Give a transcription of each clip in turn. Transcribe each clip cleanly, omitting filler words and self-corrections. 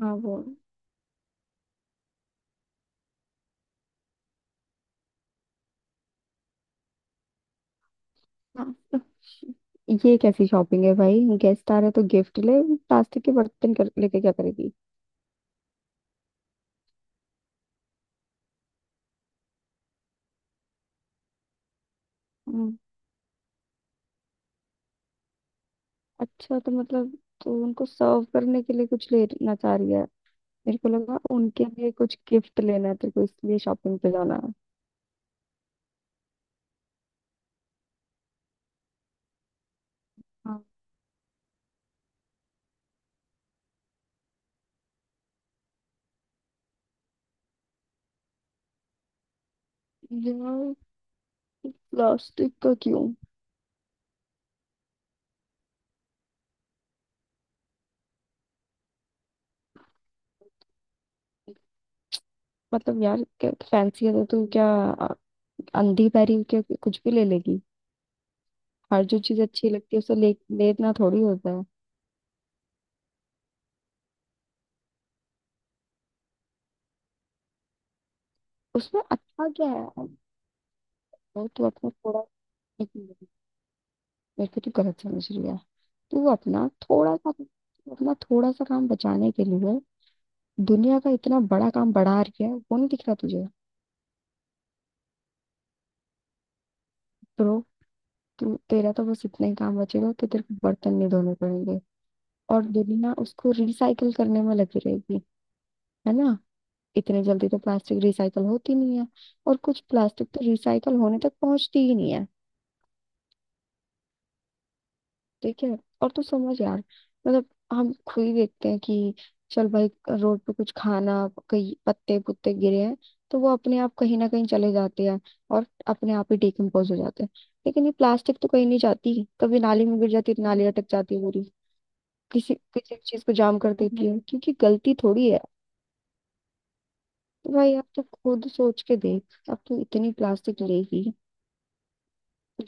हाँ। वो। हाँ तो ये कैसी शॉपिंग है भाई? गेस्ट आ रहे तो गिफ्ट ले, प्लास्टिक के बर्तन कर, लेके क्या करेगी? हम्म, अच्छा, तो मतलब तो उनको सर्व करने के लिए कुछ लेना चाह रही है। मेरे को लगा उनके लिए कुछ गिफ्ट लेना है तेरे को, इसलिए शॉपिंग पे जाना है। हाँ। यार प्लास्टिक का क्यों? मतलब यार क्या फैंसी है, तो तू क्या अ, अंधी पैरी हो क्या, कुछ भी ले लेगी? हर जो चीज अच्छी लगती है उसे ले लेना थोड़ी होता है। उसमें अच्छा क्या है? वो तू अपना थोड़ा, मेरे को तू गलत समझ रही है। तू अपना थोड़ा सा, अपना थोड़ा सा काम बचाने के लिए दुनिया का इतना बड़ा काम बढ़ा रही है, वो नहीं दिख रहा तुझे? तो तू, तेरा तो बस इतना ही काम बचेगा कि तेरे को बर्तन नहीं धोने पड़ेंगे, और दुनिया उसको रिसाइकल करने में लगी रहेगी। है ना? इतने जल्दी तो प्लास्टिक रिसाइकल होती नहीं है, और कुछ प्लास्टिक तो रिसाइकल होने तक पहुंचती ही नहीं है। ठीक है। और तू समझ यार, मतलब हम खुद ही देखते हैं कि चल भाई, रोड पे कुछ खाना, कहीं पत्ते पुत्ते गिरे हैं तो वो अपने आप कहीं ना कहीं चले जाते हैं और अपने आप ही डिकम्पोज हो जाते हैं। लेकिन ये प्लास्टिक तो कहीं नहीं जाती, कभी नाली में गिर जाती है तो नाली अटक जाती है पूरी, किसी किसी चीज को जाम कर देती है, क्योंकि गलती थोड़ी है। तो भाई अब तो खुद सोच के देख, अब तो इतनी प्लास्टिक लेगी,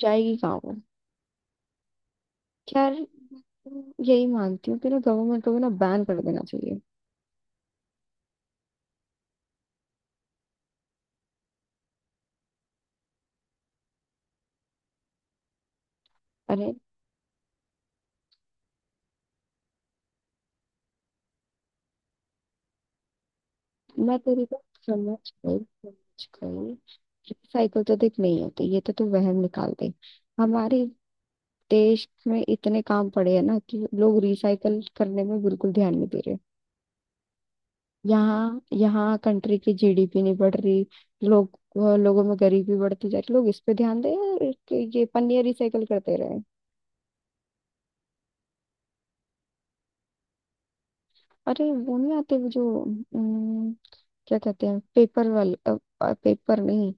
जाएगी कहाँ वो? खैर मैं तो यही मानती हूँ कि ना गवर्नमेंट को भी ना बैन कर देना चाहिए। अरे मैं तेरी बात समझ गई, समझ गई। साइकिल तो देख नहीं होती, ये तो तू वहम निकाल दे। हमारे देश में इतने काम पड़े हैं ना कि लोग रिसाइकल करने में बिल्कुल ध्यान नहीं दे रहे। यहाँ यहाँ कंट्री की जीडीपी नहीं बढ़ रही, लोग, लोगों में गरीबी बढ़ती जा रही, लोग इस पे ध्यान दें और कि ये पन्नियाँ रिसाइकल करते रहे। अरे वो नहीं आते, वो जो अम, क्या कहते हैं, पेपर वाले? पेपर नहीं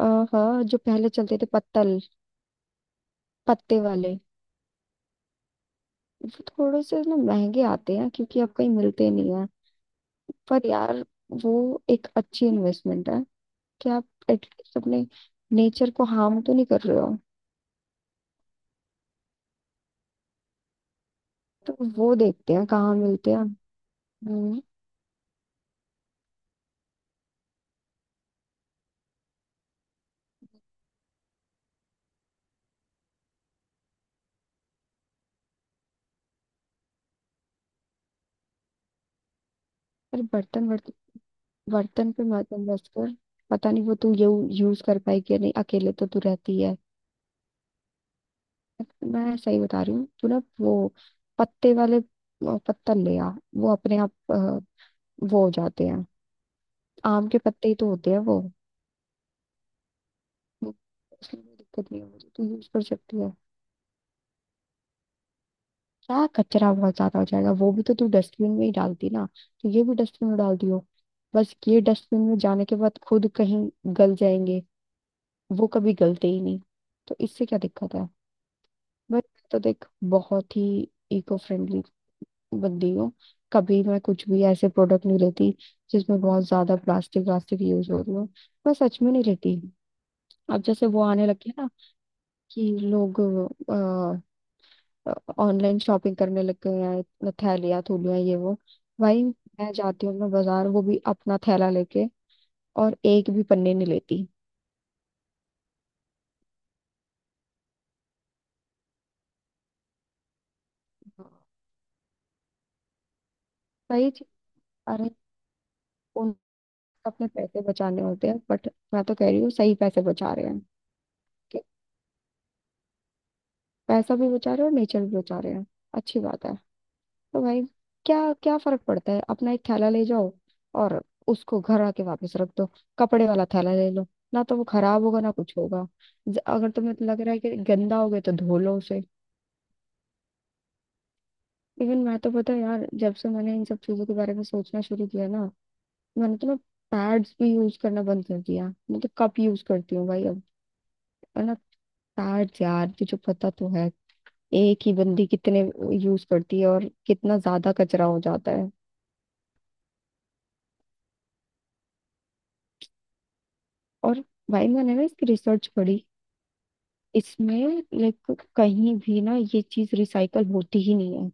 अ, हाँ, जो पहले चलते थे, पत्तल, पत्ते वाले। वो थोड़े से ना महंगे आते हैं क्योंकि अब कहीं मिलते नहीं है, पर यार वो एक अच्छी इन्वेस्टमेंट है कि आप एटलीस्ट अपने नेचर को हार्म तो नहीं कर रहे हो। तो वो देखते हैं कहाँ मिलते हैं। हम्म, पर बर्तन, बर्तन, बर्तन पे मत इन्वेस्ट कर। पता नहीं वो तू यूज कर पाई कि नहीं, अकेले तो तू रहती है। मैं सही बता रही हूँ, तू ना वो पत्ते वाले पत्तल ले आ। वो अपने आप वो हो जाते हैं। आम के पत्ते ही तो होते हैं वो। वो- उसमें कोई दिक्कत नहीं है मुझे, तू यूज कर सकती है। क्या कचरा बहुत ज्यादा हो जाएगा? वो भी तो तू डस्टबिन में ही डालती ना, तो ये भी डस्टबिन में डालती हो। बस ये डस्टबिन में जाने के बाद खुद कहीं गल जाएंगे, वो कभी गलते ही नहीं। तो इससे क्या दिक्कत है? बट तो देख, बहुत ही इको फ्रेंडली बंदी हूँ। कभी मैं कुछ भी ऐसे प्रोडक्ट नहीं लेती जिसमें बहुत ज्यादा प्लास्टिक व्लास्टिक यूज हो रही हो। मैं सच में नहीं लेती। अब जैसे वो आने लगी है ना कि लोग ऑनलाइन शॉपिंग करने लग गए हैं, इतना थैलियाँ थूलियाँ ये वो। भाई मैं जाती हूँ, मैं बाजार वो भी अपना थैला लेके, और एक भी पन्ने नहीं लेती। सही चीज। अरे उन, अपने पैसे बचाने होते हैं, बट मैं तो कह रही हूँ सही पैसे बचा रहे हैं कि पैसा भी बचा रहे हैं, और नेचर भी बचा रहे हैं। अच्छी बात है। तो भाई क्या, क्या फर्क पड़ता है? अपना एक थैला ले जाओ और उसको घर आके वापस रख दो। कपड़े वाला थैला ले लो, ना तो वो खराब होगा ना कुछ होगा। अगर तुम्हें लग रहा है कि गंदा हो गया तो धो लो उसे। इवन मैं तो, पता है यार, जब से मैंने इन सब चीजों के बारे में सोचना शुरू किया ना, मैंने तो ना पैड्स भी यूज करना बंद कर दिया, मैं तो कप यूज करती हूँ भाई अब। है ना? पैड्स, यार तुझे पता तो है, एक ही बंदी कितने यूज करती है, और कितना ज्यादा कचरा हो जाता है। और भाई मैंने ना इसकी रिसर्च पढ़ी, इसमें लाइक कहीं भी ना ये चीज रिसाइकल होती ही नहीं है।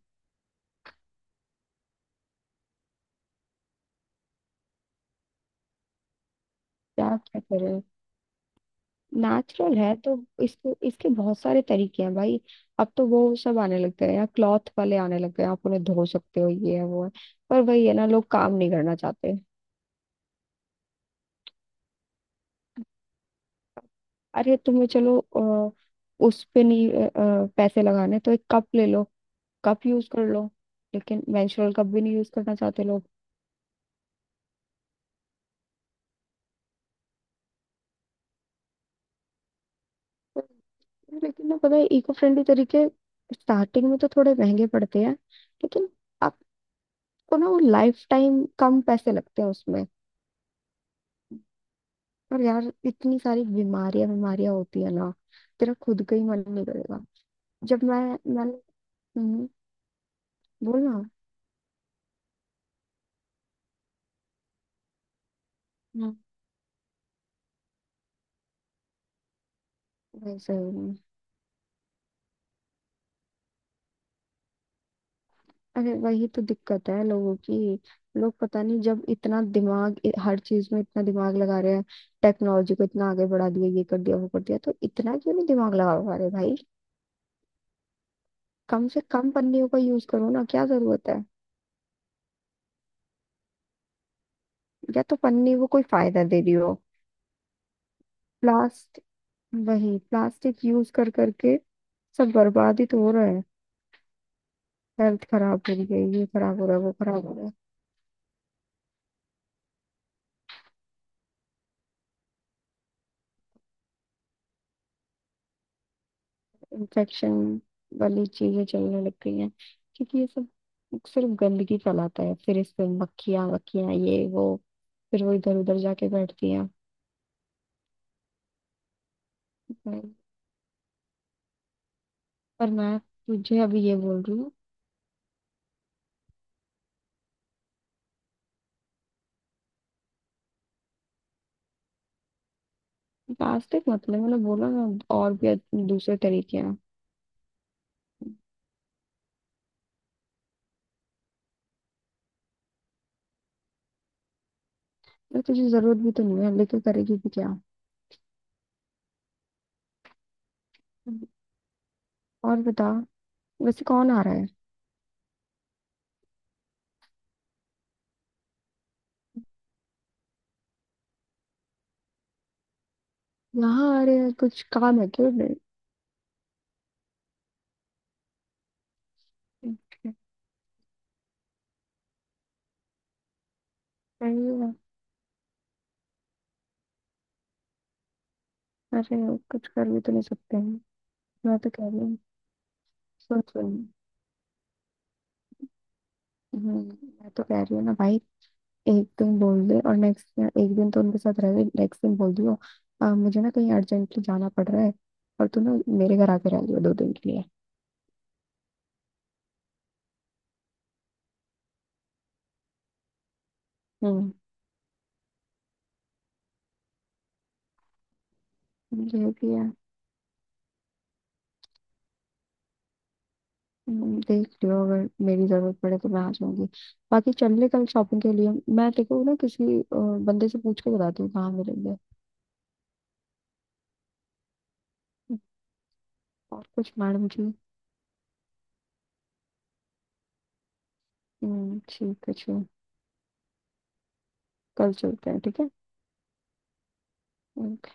क्या क्या करें? नेचुरल है तो इसको, इसके बहुत सारे तरीके हैं भाई। अब तो वो सब आने लग गए हैं, क्लॉथ वाले आने लग गए हैं, आप उन्हें धो सकते हो, ये है वो है। पर वही है ना, लोग काम नहीं करना चाहते। अरे तुम्हें चलो उस पे नहीं पैसे लगाने, तो एक कप ले लो। कप यूज कर लो। लेकिन मेंस्ट्रुअल कप भी नहीं यूज करना चाहते लोग। लेकिन ना पता है इको फ्रेंडली तरीके स्टार्टिंग में तो थोड़े महंगे पड़ते हैं, लेकिन आपको ना वो लाइफ टाइम कम पैसे लगते हैं उसमें। और यार इतनी सारी बीमारियां बीमारियां होती है ना, तेरा खुद का ही मन नहीं करेगा। जब मैं, मैं। हम्म। बोलना। हम्म। वैसे ही। अरे वही तो दिक्कत है लोगों की। लोग पता नहीं, जब इतना दिमाग हर चीज में इतना दिमाग लगा रहे हैं, टेक्नोलॉजी को इतना आगे बढ़ा दिया, ये कर दिया वो कर दिया, तो इतना क्यों नहीं दिमाग लगा पा रहे भाई? कम से कम पन्नियों का यूज करो ना, क्या जरूरत है? या तो पन्नी वो कोई फायदा दे रही हो, प्लास्टिक, वही प्लास्टिक यूज कर करके सब बर्बाद ही तो हो रहा है। हेल्थ खराब हो रही है, ये खराब हो रहा है, वो खराब हो रहा है। इन्फेक्शन वाली चीजें चलने लग गई हैं, क्योंकि ये सब सिर्फ गंदगी फैलाता है, फिर इस पे मक्खियां वक्खियां ये वो, फिर वो इधर उधर जाके बैठती हैं। पर मैं तुझे अभी ये बोल रही हूँ, प्लास्टिक मत ले, मैंने बोला ना, और भी दूसरे तरीके हैं। यार तुझे जरूरत भी तो नहीं है, लेके करेगी भी क्या। और बता, वैसे कौन आ रहा है? यहाँ? अरे यार, कुछ काम है क्यों नहीं? सही है। अरे कुछ कर भी तो नहीं सकते हैं। मैं तो कह रही हूँ, सुन सुन। हम्म। मैं तो कह रही हूँ ना भाई, एक दिन बोल दे, और नेक्स्ट एक दिन तो उनके साथ रह ले, नेक्स्ट दिन बोल दियो, मुझे ना कहीं अर्जेंटली जाना पड़ रहा है, और तू ना मेरे घर आके रह लियो 2 दिन के लिए।" हम्म। देख लियो, अगर मेरी जरूरत पड़े तो मैं आ जाऊंगी। बाकी चल ले कल शॉपिंग के लिए। मैं देखो ना, किसी बंदे से पूछ के बताती हूँ कहाँ मिलेंगे। और कुछ मैडम जी? ठीक है, चलो, कल चलते हैं, ठीक है। हम्म।